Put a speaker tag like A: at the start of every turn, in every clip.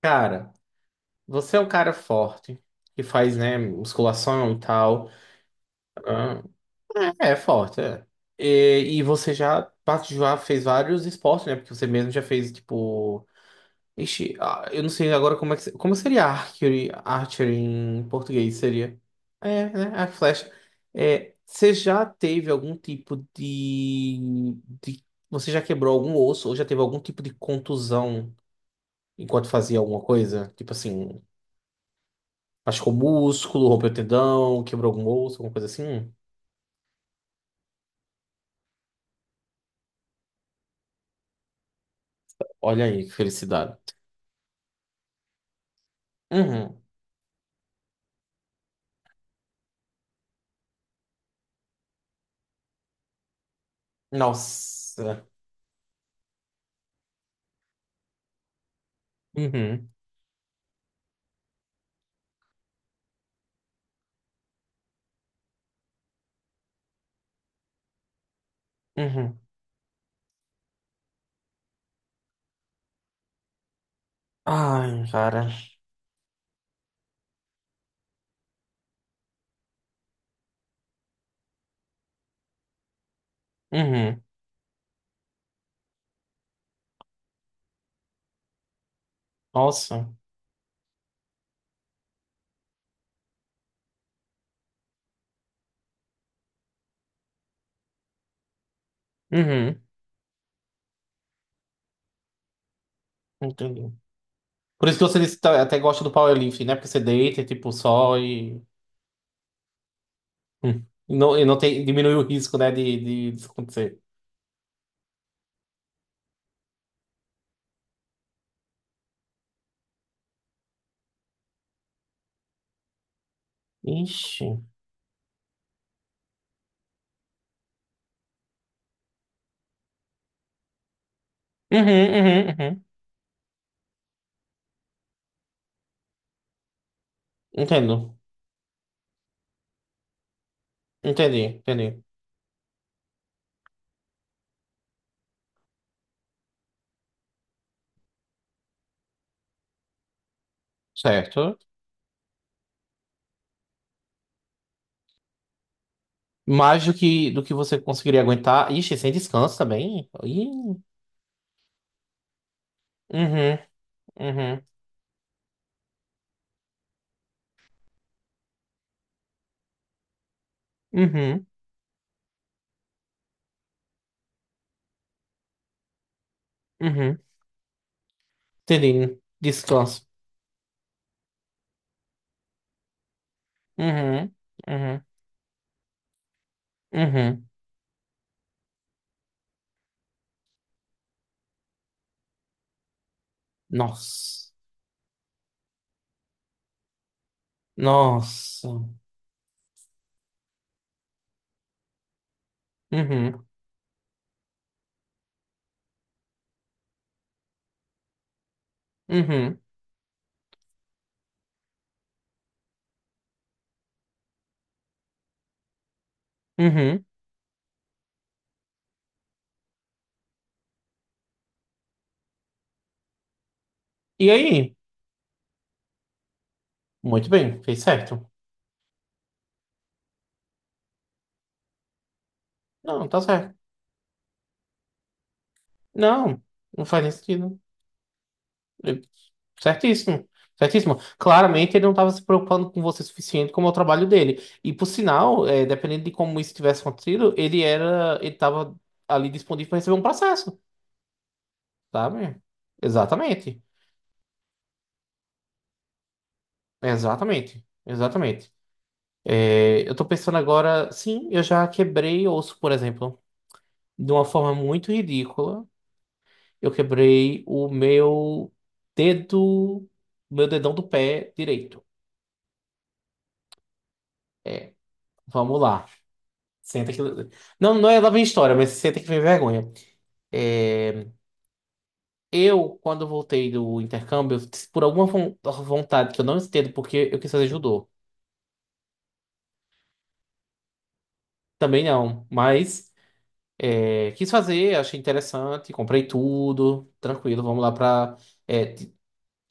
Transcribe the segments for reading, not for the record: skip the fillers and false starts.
A: Cara, você é um cara forte, que faz, né, musculação e tal. Ah, É forte, é. E você já, já fez vários esportes, né? Porque você mesmo já fez, tipo. Ixi, ah, eu não sei agora como é que. Como seria archery, archery em português? Seria. É, né? A flecha. É, você já teve algum tipo de, de. Você já quebrou algum osso ou já teve algum tipo de contusão enquanto fazia alguma coisa? Tipo assim. Machucou músculo, rompeu tendão, quebrou algum osso, alguma coisa assim. Olha aí, que felicidade. Uhum. Nossa. Uhum. Uhum. Ai, cara. Uhum. Nossa. Uhum. Entendi. Por isso que você disse que até gosta do powerlifting, né? Porque você deita, tipo, só e. Hum. E não tem, diminui o risco, né, disso acontecer. Ixi. Uhum, uhum, uhum. Entendo. Entendi, entendi. Certo. Mais do que você conseguiria aguentar. Ixi, sem descanso também. Ih, uhum, uhum, uhum, uhum. Entendi. Descanso. Uhum, uhum, uhum. Nossa. Nossa. Uhum, uhum, uhum. E aí? Muito bem, fez certo. Não, tá certo. Não, não faz nem sentido. Certíssimo. Certíssimo. Claramente ele não estava se preocupando com você o suficiente como é o trabalho dele. E, por sinal, é, dependendo de como isso tivesse acontecido, ele era, ele estava ali disponível para receber um processo, sabe? Exatamente. Exatamente. Exatamente. É, eu tô pensando agora, sim, eu já quebrei osso, por exemplo, de uma forma muito ridícula. Eu quebrei o meu dedo, meu dedão do pé direito. É, vamos lá. Senta que. Não, não é lá vem história, mas senta que vem vergonha. É, eu, quando voltei do intercâmbio, por alguma vontade que eu não entendo, porque eu quis fazer judô. Também não, mas é, quis fazer, achei interessante, comprei tudo, tranquilo, vamos lá pra. é, t-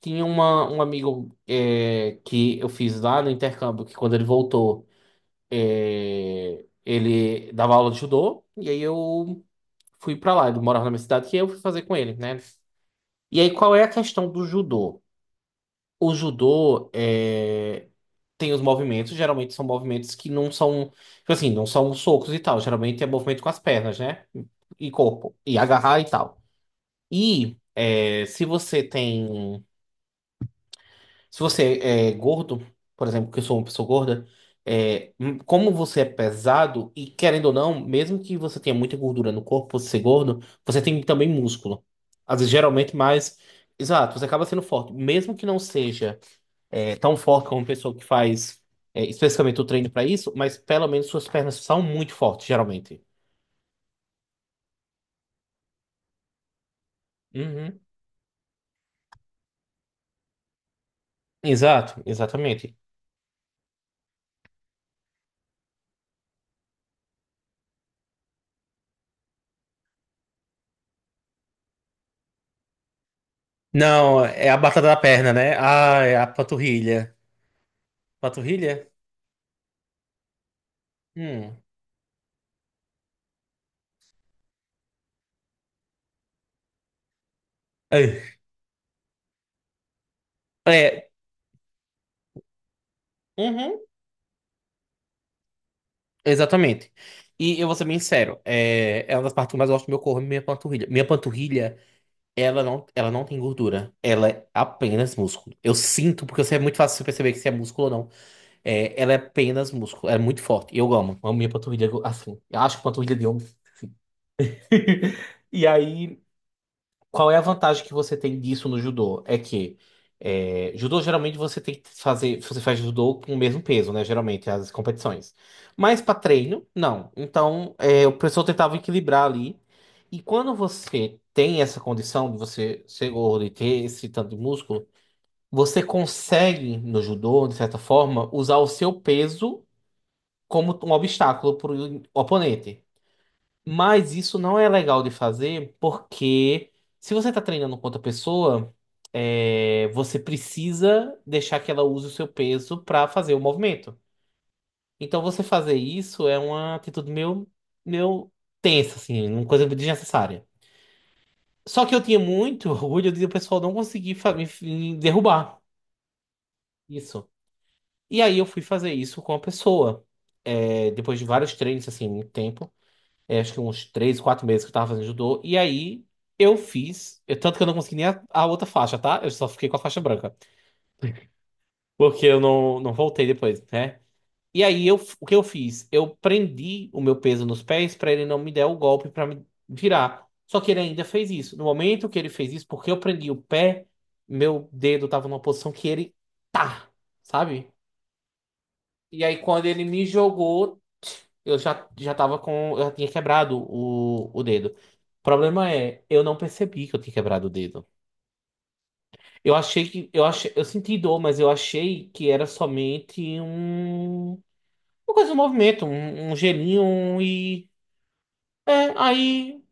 A: Tinha uma, um amigo é, que eu fiz lá no intercâmbio, que quando ele voltou, é, ele dava aula de judô, e aí eu fui pra lá, ele morava na minha cidade, que eu fui fazer com ele, né? E aí, qual é a questão do judô? O judô é, tem os movimentos, geralmente são movimentos que não são, tipo assim, não são socos e tal. Geralmente é movimento com as pernas, né? E corpo, e agarrar e tal. E é, se você tem, se você é gordo, por exemplo, que eu sou uma pessoa gorda, é, como você é pesado, e querendo ou não, mesmo que você tenha muita gordura no corpo, por você ser gordo, você tem também músculo. Às vezes, geralmente mais. Exato, você acaba sendo forte, mesmo que não seja. É tão forte como uma pessoa que faz é, especificamente o treino para isso, mas pelo menos suas pernas são muito fortes, geralmente. Uhum. Exato, exatamente. Não, é a batata da perna, né? Ah, é a panturrilha. Panturrilha? Hum. É, é, uhum. Exatamente. E eu vou ser bem sincero, é, é uma das partes que eu mais gosto do meu corpo, é minha panturrilha. Minha panturrilha, ela não tem gordura. Ela é apenas músculo. Eu sinto, porque você é muito fácil você perceber que se é músculo ou não. É, ela é apenas músculo, é muito forte. Eu amo, amo minha panturrilha assim. Eu acho que panturrilha de homem. Assim. E aí, qual é a vantagem que você tem disso no judô? É que é, judô geralmente você tem que fazer, você faz judô com o mesmo peso, né? Geralmente as competições. Mas para treino, não. Então, é, o professor tentava equilibrar ali. E quando você tem essa condição de você ser gordo e ter esse tanto de músculo, você consegue no judô, de certa forma, usar o seu peso como um obstáculo para o oponente. Mas isso não é legal de fazer porque se você está treinando com outra pessoa, é, você precisa deixar que ela use o seu peso para fazer o movimento. Então você fazer isso é uma atitude meio, meio tensa, assim, uma coisa desnecessária. Só que eu tinha muito orgulho de o pessoal não conseguir me derrubar isso. E aí eu fui fazer isso com a pessoa. É, depois de vários treinos, assim, muito tempo. É, acho que uns 3, 4 meses que eu tava fazendo judô. E aí eu fiz. Tanto que eu não consegui nem a outra faixa, tá? Eu só fiquei com a faixa branca. Porque eu não, não voltei depois, né? E aí eu, o que eu fiz? Eu prendi o meu peso nos pés pra ele não me der o golpe pra me virar. Só que ele ainda fez isso. No momento que ele fez isso, porque eu prendi o pé, meu dedo tava numa posição que ele tá, sabe? E aí quando ele me jogou, eu já, já tava com. Eu já tinha quebrado o dedo. O problema é, eu não percebi que eu tinha quebrado o dedo. Eu achei que. Eu achei, eu senti dor, mas eu achei que era somente um. Uma coisa, um movimento, um gelinho um, e. É, aí.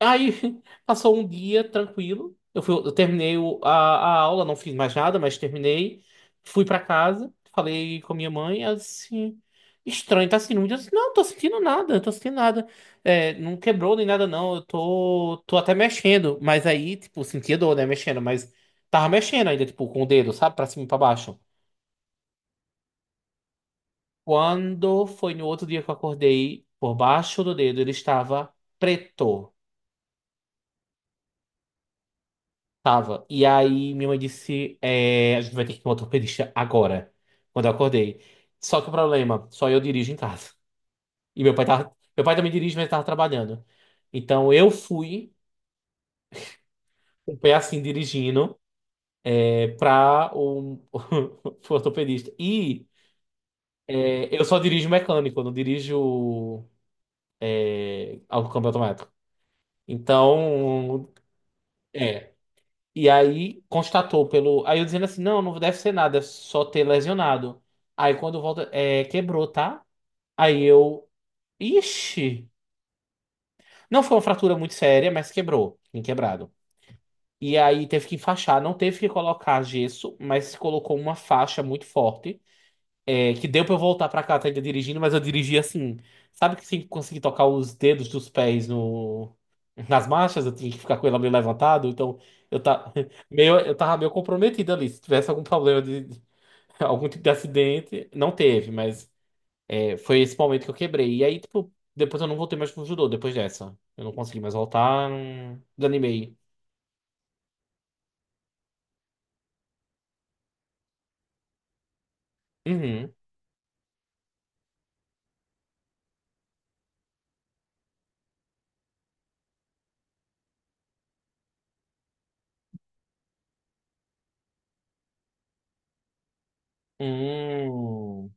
A: Aí passou um dia tranquilo. Eu fui, eu terminei a aula, não fiz mais nada, mas terminei. Fui pra casa, falei com a minha mãe, ela disse assim, estranho, tá sentindo muito? Eu disse, não, tô sentindo nada, tô sentindo nada. É, não quebrou nem nada, não. Eu tô, tô até mexendo. Mas aí, tipo, sentia dor, né? Mexendo, mas tava mexendo ainda, tipo, com o dedo, sabe? Pra cima e pra baixo. Quando foi no outro dia que eu acordei, por baixo do dedo, ele estava preto. Tava. E aí minha mãe disse: é, a gente vai ter que ir com o ortopedista agora, quando eu acordei. Só que o problema, só eu dirijo em casa. E meu pai tava, meu pai também dirige, mas tava trabalhando. Então eu fui, com o pé assim, dirigindo, é, pra o, pro ortopedista. E é, eu só dirijo mecânico, eu não dirijo é, ao câmbio automático. Então, é, e aí constatou pelo. Aí eu dizendo assim: não, não deve ser nada, é só ter lesionado. Aí quando volta, é, quebrou, tá? Aí eu. Ixi! Não foi uma fratura muito séria, mas quebrou. Tem quebrado. E aí teve que enfaixar, não teve que colocar gesso, mas colocou uma faixa muito forte é, que deu pra eu voltar pra casa ainda dirigindo, mas eu dirigi assim. Sabe que sem conseguir tocar os dedos dos pés no, nas marchas, eu tinha que ficar com ela meio levantado, então eu, tá, meio, eu tava meio comprometido ali. Se tivesse algum problema algum tipo de acidente, não teve, mas é, foi esse momento que eu quebrei. E aí, tipo, depois eu não voltei mais pro judô depois dessa. Eu não consegui mais voltar, não desanimei. Uhum. Hum.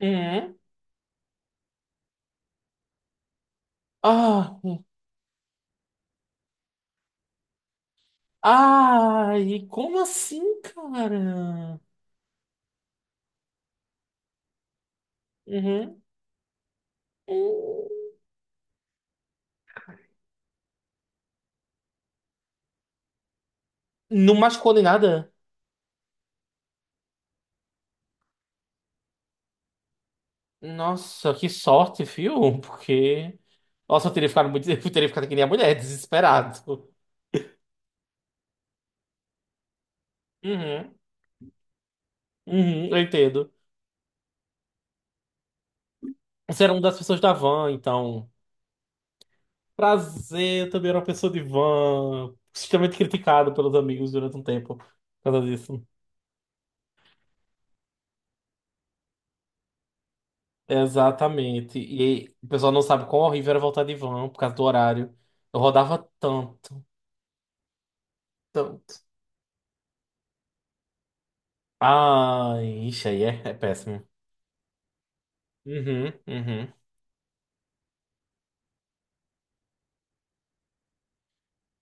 A: Uhum. Ah! Hum. Ai, como assim, cara? Uhum. Hum. Não machucou nem nada? Nossa, que sorte, viu? Porque. Nossa, eu teria ficado muito. Eu teria ficado que nem a mulher, desesperado. Uhum. Uhum, eu entendo. Você era uma das pessoas da van, então. Prazer, eu também era uma pessoa de van. Extremamente criticado pelos amigos durante um tempo por causa disso. Exatamente. E o pessoal não sabe quão horrível era voltar de van por causa do horário. Eu rodava tanto. Tanto. Ai, ixi, aí é, é péssimo. Uhum, uhum.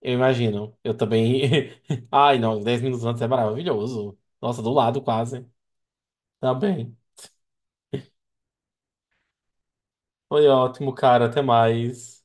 A: Eu imagino. Eu também. Ai, não, 10 minutos antes é maravilhoso. Nossa, do lado quase. Tá bem. Foi ótimo, cara. Até mais.